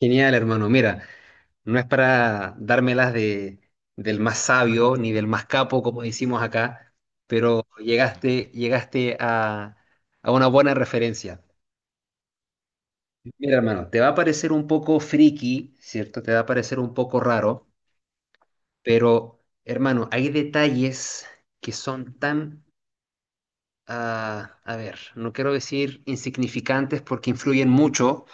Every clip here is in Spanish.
Genial, hermano. Mira, no es para dármelas del más sabio ni del más capo, como decimos acá, pero llegaste a una buena referencia. Mira, hermano, te va a parecer un poco friki, ¿cierto? Te va a parecer un poco raro, pero, hermano, hay detalles que son tan, a ver, no quiero decir insignificantes porque influyen mucho.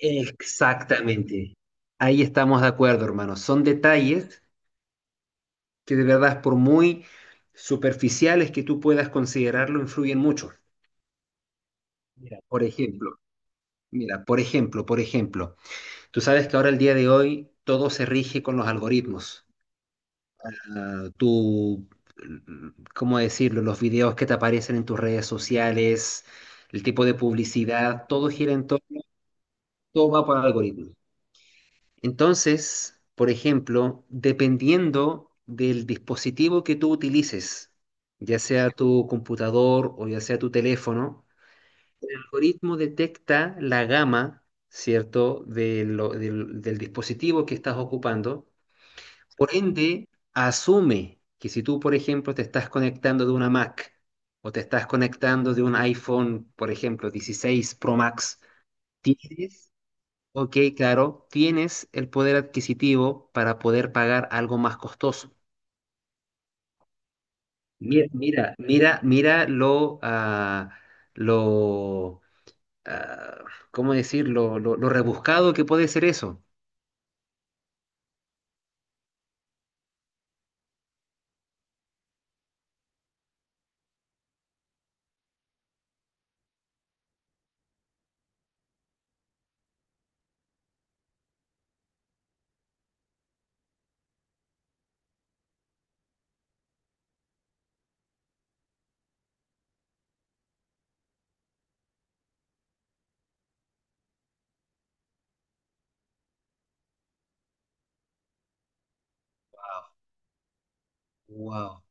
Exactamente. Ahí estamos de acuerdo, hermano. Son detalles que de verdad, por muy superficiales que tú puedas considerarlo, influyen mucho. Mira, Por ejemplo, mira, por ejemplo, tú sabes que ahora el día de hoy todo se rige con los algoritmos. Ah, tú, mm, ¿Cómo decirlo? Los videos que te aparecen en tus redes sociales, el tipo de publicidad, todo gira en torno, todo va por algoritmos. Entonces, por ejemplo, dependiendo del dispositivo que tú utilices, ya sea tu computador o ya sea tu teléfono, el algoritmo detecta la gama, ¿cierto?, del dispositivo que estás ocupando. Por ende, asume que si tú, por ejemplo, te estás conectando de una Mac o te estás conectando de un iPhone, por ejemplo, 16 Pro Max. Tienes Ok, claro, tienes el poder adquisitivo para poder pagar algo más costoso. Mira lo, ah, ¿cómo decirlo? Lo rebuscado que puede ser eso. Wow.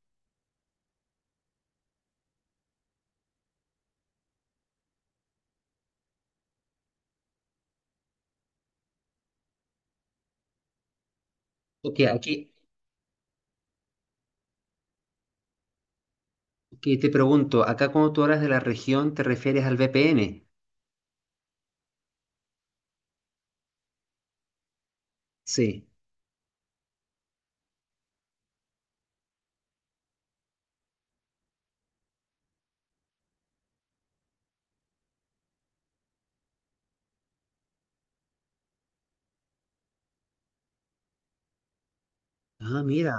Ok, aquí que te pregunto, acá cuando tú hablas de la región, ¿te refieres al VPN? Sí. Ah, mira.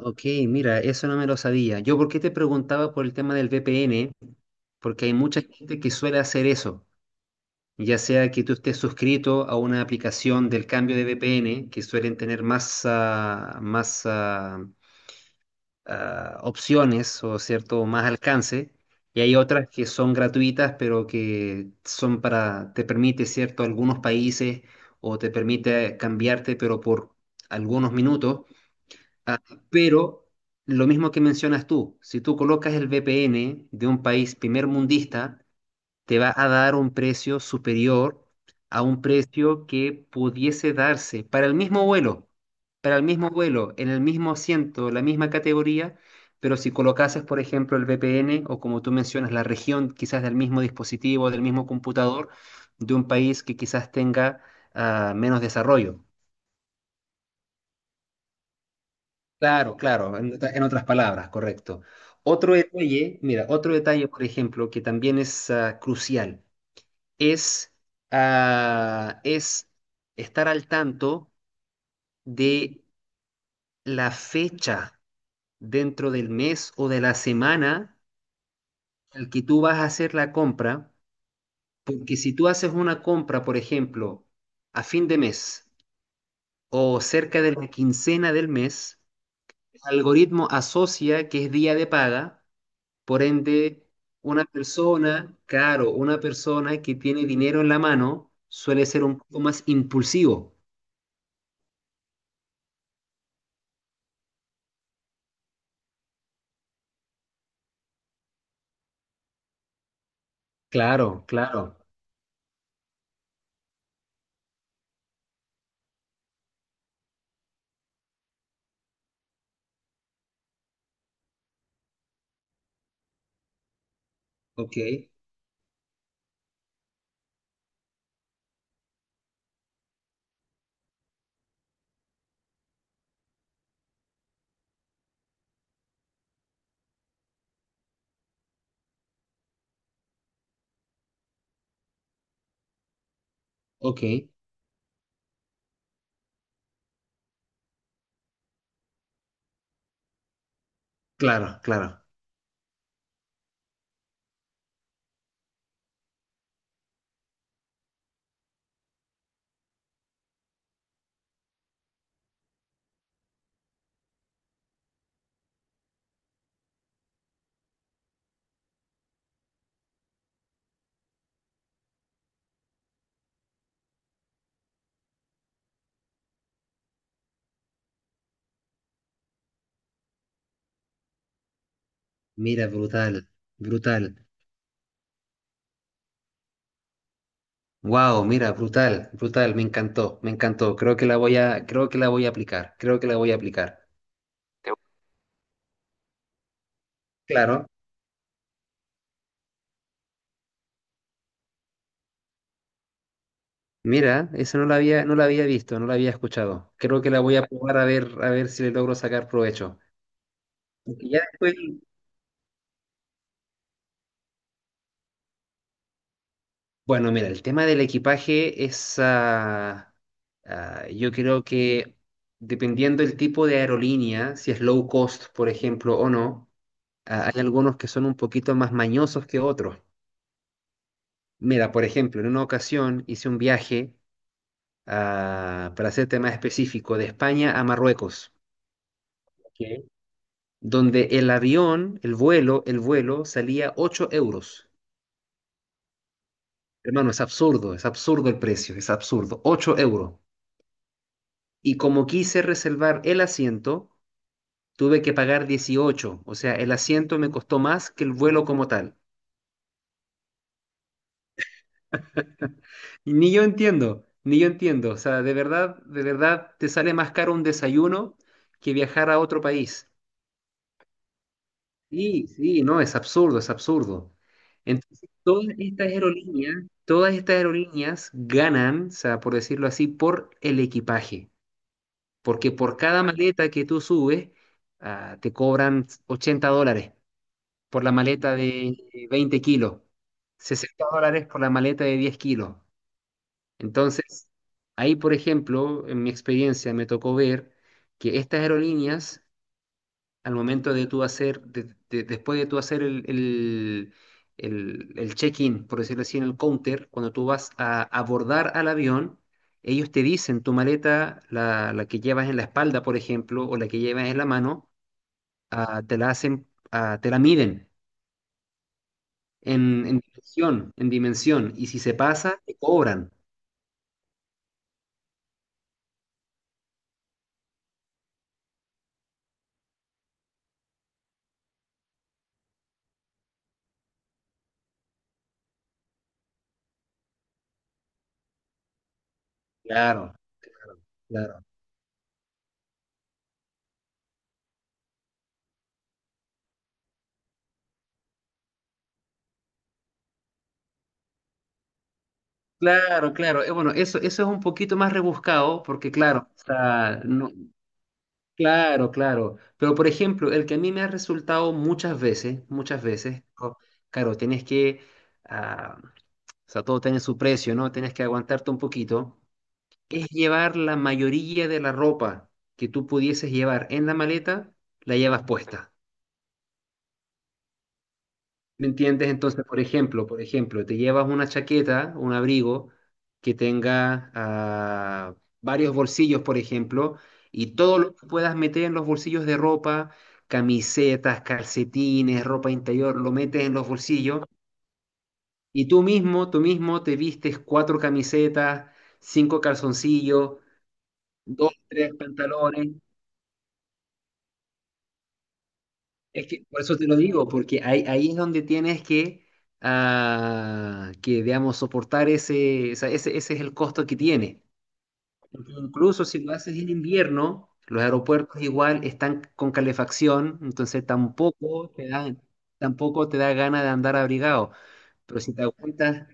Ok, mira, eso no me lo sabía. Yo, ¿por qué te preguntaba por el tema del VPN? Porque hay mucha gente que suele hacer eso. Ya sea que tú estés suscrito a una aplicación del cambio de VPN, que suelen tener más, opciones o cierto, más alcance, y hay otras que son gratuitas, pero que son para, te permite, cierto, algunos países o te permite cambiarte, pero por algunos minutos. Ah, pero lo mismo que mencionas tú, si tú colocas el VPN de un país primer mundista, te va a dar un precio superior a un precio que pudiese darse para el mismo vuelo, para el mismo vuelo, en el mismo asiento, la misma categoría, pero si colocases, por ejemplo, el VPN o como tú mencionas, la región quizás del mismo dispositivo, del mismo computador, de un país que quizás tenga menos desarrollo. Claro, claro, en otras palabras, correcto. Otro detalle, por ejemplo, que también es crucial. es, es estar al tanto de la fecha dentro del mes o de la semana al que tú vas a hacer la compra, porque si tú haces una compra, por ejemplo, a fin de mes o cerca de la quincena del mes, el algoritmo asocia que es día de paga, por ende, una persona, claro, una persona que tiene dinero en la mano suele ser un poco más impulsivo. Claro, claro. Ok, ok. Claro, claro. Mira, brutal, brutal. Wow, mira, brutal, brutal. Me encantó, me encantó. Creo que la voy a, creo que la voy a aplicar. Creo que la voy a aplicar. Te- Claro. Mira, eso no la había visto, no la había escuchado. Creo que la voy a probar a ver si le logro sacar provecho. Porque ya después. Bueno, mira, el tema del equipaje yo creo que dependiendo del tipo de aerolínea, si es low cost, por ejemplo, o no, hay algunos que son un poquito más mañosos que otros. Mira, por ejemplo, en una ocasión hice un viaje, para ser tema específico, de España a Marruecos, Ok, donde el avión, el vuelo salía 8 euros. Hermano, es absurdo el precio, es absurdo, 8 euros. Y como quise reservar el asiento, tuve que pagar 18. O sea, el asiento me costó más que el vuelo como tal. Y ni yo entiendo, ni yo entiendo. O sea, de verdad, te sale más caro un desayuno que viajar a otro país. Sí, sí, no, es absurdo, es absurdo. Entonces, todas estas aerolíneas ganan, o sea, por decirlo así, por el equipaje. Porque por cada maleta que tú subes, te cobran $80. Por la maleta de 20 kilos, $60 por la maleta de 10 kilos. Entonces, ahí, por ejemplo, en mi experiencia me tocó ver que estas aerolíneas, al momento de tú hacer, de- después de tú hacer el check-in, por decirlo así, en el counter, cuando tú vas a abordar al avión, ellos te dicen tu maleta, la que llevas en la espalda, por ejemplo, o la que llevas en la mano, te la hacen, te la miden, en dimensión, en dimensión. Y si se pasa, te cobran. Claro, claro. Claro, claro. Bueno, eso es un poquito más rebuscado, porque claro, o sea, no, claro, claro. Pero por ejemplo, el que a mí me ha resultado muchas veces, claro, tienes que, ah, o sea, todo tiene su precio, ¿no? Tienes que aguantarte un poquito, es llevar la mayoría de la ropa que tú pudieses llevar en la maleta, la llevas puesta. ¿Me entiendes? Entonces, por ejemplo, te llevas una chaqueta, un abrigo que tenga varios bolsillos, por ejemplo, y todo lo que puedas meter en los bolsillos de ropa, camisetas, calcetines, ropa interior, lo metes en los bolsillos y tú mismo te vistes cuatro camisetas, cinco calzoncillos, dos, tres pantalones. Es que por eso te lo digo, porque ahí es donde tienes que, que digamos, soportar ese, o sea, ese es el costo que tiene. Porque incluso si lo haces en invierno, los aeropuertos igual están con calefacción, entonces tampoco te dan, tampoco te da ganas de andar abrigado. Pero si te aguantas,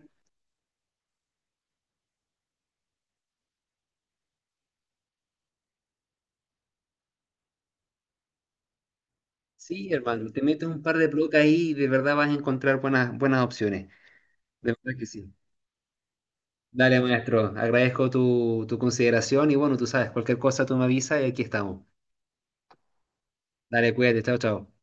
sí, hermano, te metes un par de bloques ahí y de verdad vas a encontrar buenas, buenas opciones. De verdad que sí. Dale, maestro. Agradezco tu consideración y bueno, tú sabes, cualquier cosa tú me avisas y aquí estamos. Dale, cuídate. Chao, chao.